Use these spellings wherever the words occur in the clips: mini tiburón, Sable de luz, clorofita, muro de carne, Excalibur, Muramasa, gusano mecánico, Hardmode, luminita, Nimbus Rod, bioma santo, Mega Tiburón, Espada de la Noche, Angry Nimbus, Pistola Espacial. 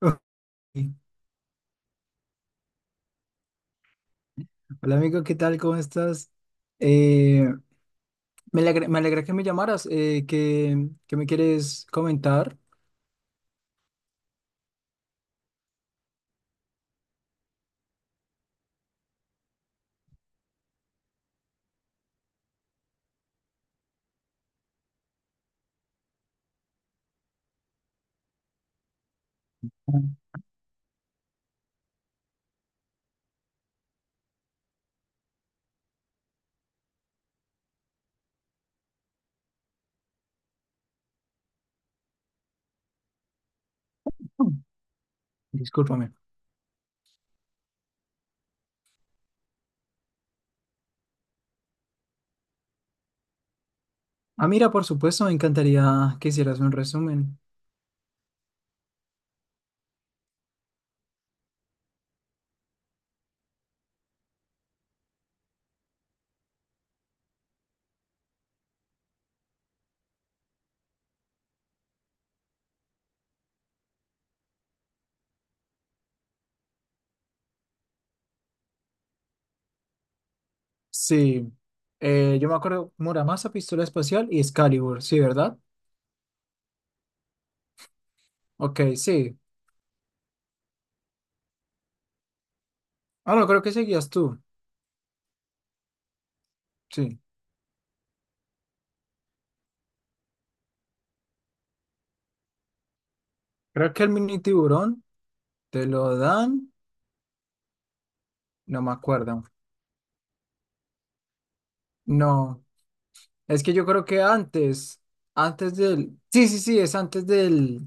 Ok. Hola amigo, ¿qué tal? ¿Cómo estás? Eh, me alegra que me llamaras. ¿Qué me quieres comentar? Mm, Discúlpame. Ah, mira, por supuesto, me encantaría que hicieras un resumen. Sí, yo me acuerdo Muramasa, Pistola Espacial y Excalibur, sí, ¿verdad? Ok, sí. Ah, no, creo que seguías tú. Sí. Creo que el mini tiburón te lo dan. No me acuerdo. No. Es que yo creo que antes, antes del, Sí, sí, sí, es antes del,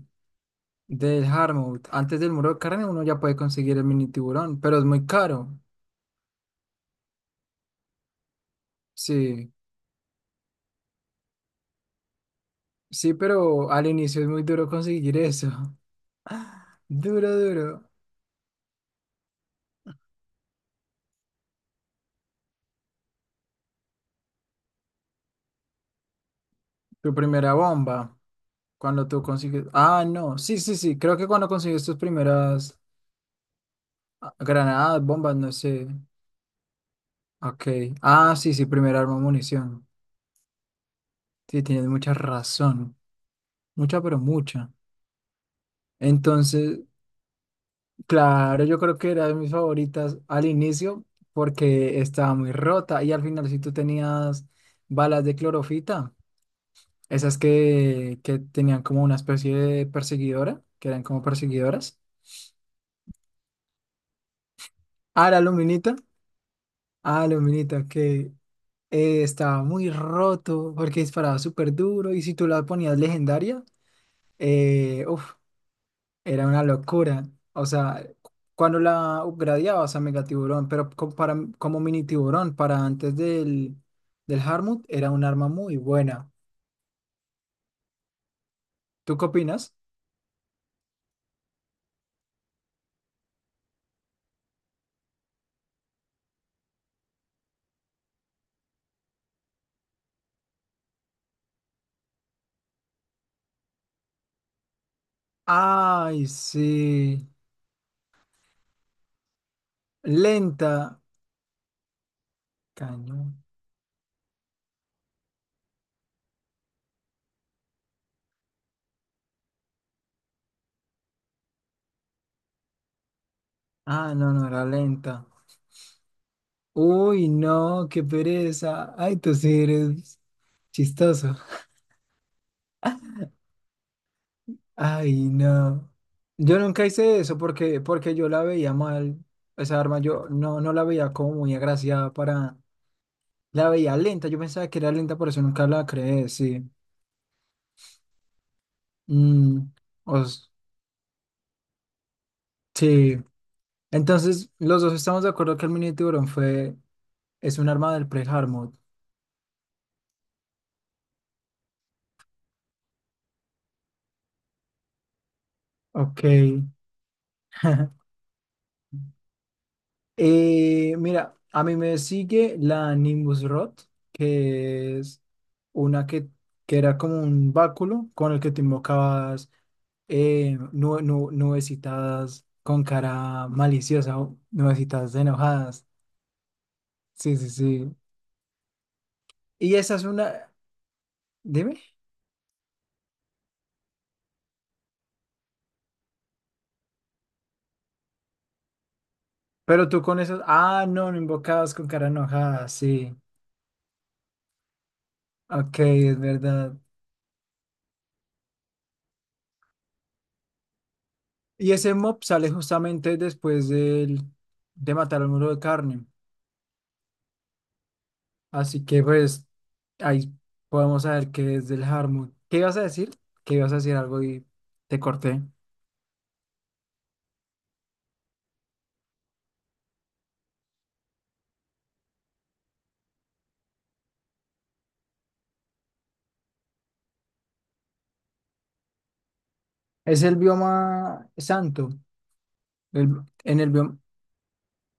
del Hardmode, antes del muro de carne uno ya puede conseguir el mini tiburón, pero es muy caro. Sí, sí, pero al inicio es muy duro conseguir eso. Duro, duro. Tu primera bomba, cuando tú consigues, ah, no, Sí, sí, sí, creo que cuando consigues tus primeras granadas, bombas, no sé. Ok, ah, sí, sí, primer arma, munición. Sí, tienes mucha razón, mucha, pero mucha. Entonces, claro, yo creo que era de mis favoritas al inicio porque estaba muy rota y al final si tú tenías balas de clorofita, esas que tenían como una especie de perseguidora, que eran como perseguidoras. Ah, la luminita, ah, luminita que estaba muy roto porque disparaba súper duro y si tú la ponías legendaria, era una locura. O sea, cuando la upgradeabas a Mega Tiburón, como mini tiburón, para antes del Harmut, era un arma muy buena. ¿Tú qué opinas? Ay, sí. Lenta. Cañón. Ah, no, no era lenta. Uy, no, qué pereza. Ay, tú sí eres chistoso. Ay, no. Yo nunca hice eso porque yo la veía mal. Esa arma yo no, no la veía como muy agraciada para... la veía lenta, yo pensaba que era lenta, por eso nunca la creé, sí. Mm, os- sí. Entonces, los dos estamos de acuerdo que el mini tiburón fue, es un arma del pre-hard. Ok. Mira, a mí me sigue la Nimbus Rot, que es una que era como un báculo con el que te invocabas nubecitas con cara maliciosa o nubecitas enojadas. Sí, sí, sí. Y esa es una... Dime. Pero tú con esos... ah, no, no invocabas con cara enojada, sí. Ok, es verdad. Y ese mob sale justamente después del- De matar al muro de carne. Así que pues ahí podemos saber qué es del Harmut. ¿Qué ibas a decir? Que ibas a decir algo y te corté. Es el bioma santo. El- en el bioma,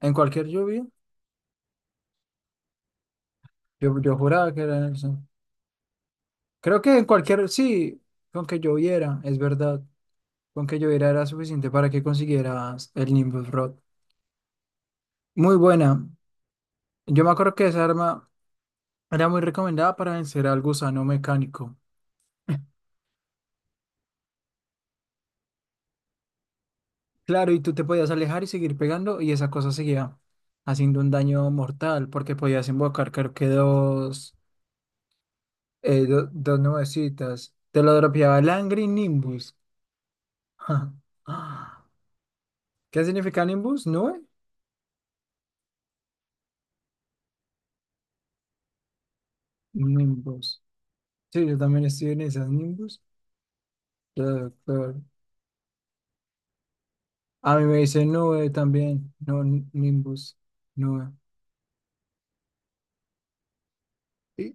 en cualquier lluvia. Yo juraba que era en el santo. Creo que en cualquier, sí, con que lloviera, es verdad. Con que lloviera era suficiente para que consiguieras el Nimbus Rod. Muy buena. Yo me acuerdo que esa arma era muy recomendada para vencer al gusano mecánico. Claro, y tú te podías alejar y seguir pegando y esa cosa seguía haciendo un daño mortal porque podías invocar creo que dos, dos nubecitas. Te lo dropeaba el Angry Nimbus. ¿Qué significa Nimbus? ¿Nube? Nimbus. Sí, yo también estoy en esas Nimbus. Doctor. A mí me dice nube también, no n- Nimbus, nube. Y-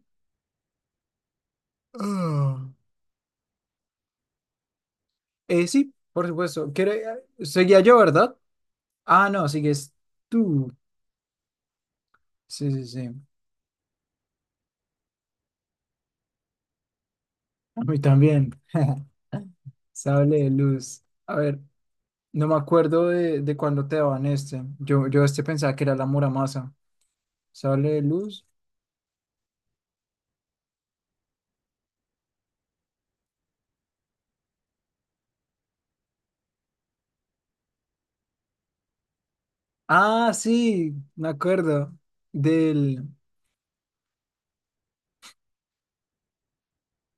ah. Sí, por supuesto. ¿Seguía yo, verdad? Ah, no, sigues tú. Sí, sí, sí. A mí también. Sable de luz. A ver, no me acuerdo de cuándo te daban este. Yo este pensaba que era la Muramasa. Sable de luz. Ah, sí, me acuerdo. Del,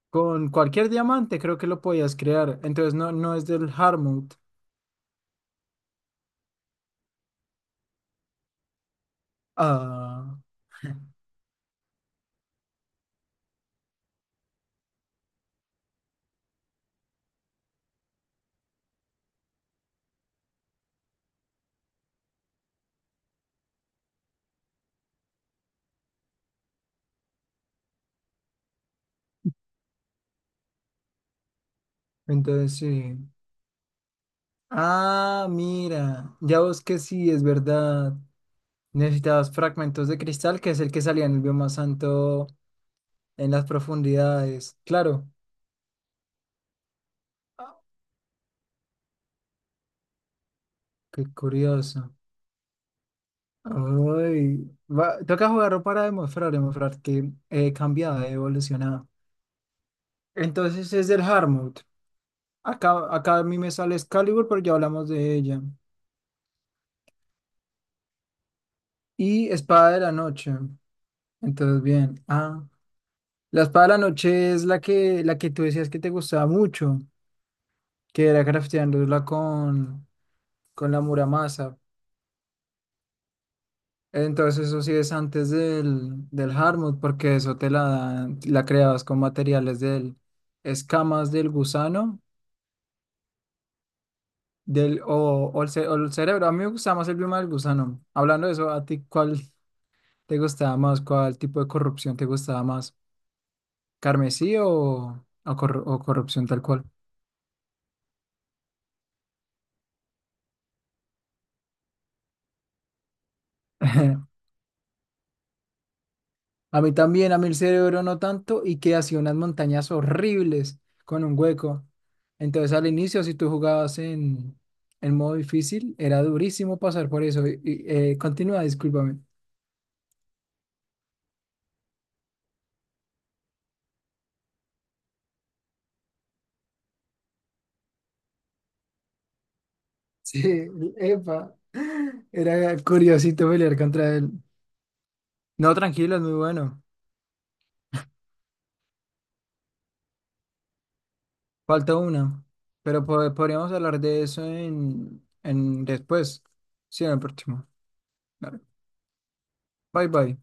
con cualquier diamante creo que lo podías crear. Entonces no, no es del Harmut. Ah. Entonces sí. Ah, mira. Ya vos que sí, es verdad. Necesitabas fragmentos de cristal, que es el que salía en el bioma santo en las profundidades. Claro. Ah, qué curioso. Ay, va- toca jugarlo para demostrar, demostrar que he cambiado, he evolucionado. Entonces es del Hardmode. Acá a mí me sale Excalibur, pero ya hablamos de ella. Y Espada de la Noche. Entonces, bien. Ah. La espada de la noche es la que tú decías que te gustaba mucho, que era crafteándola con la Muramasa. Entonces eso sí es antes del Hardmode, porque eso te la dan- la creabas con materiales del escamas del gusano o el, ce- o el cerebro. A mí me gustaba más el bioma del gusano. Hablando de eso, ¿a ti cuál te gustaba más? ¿Cuál tipo de corrupción te gustaba más? ¿Carmesí o, o corrupción tal cual? A mí también, a mí el cerebro no tanto y que hacía unas montañas horribles con un hueco. Entonces al inicio, si tú jugabas en modo difícil, era durísimo pasar por eso. Continúa, discúlpame. Sí, epa. Era curiosito pelear contra él. No, tranquilo, es muy bueno. Falta una. Pero po- podríamos hablar de eso en después. Sí, en el próximo. Dale. Bye bye.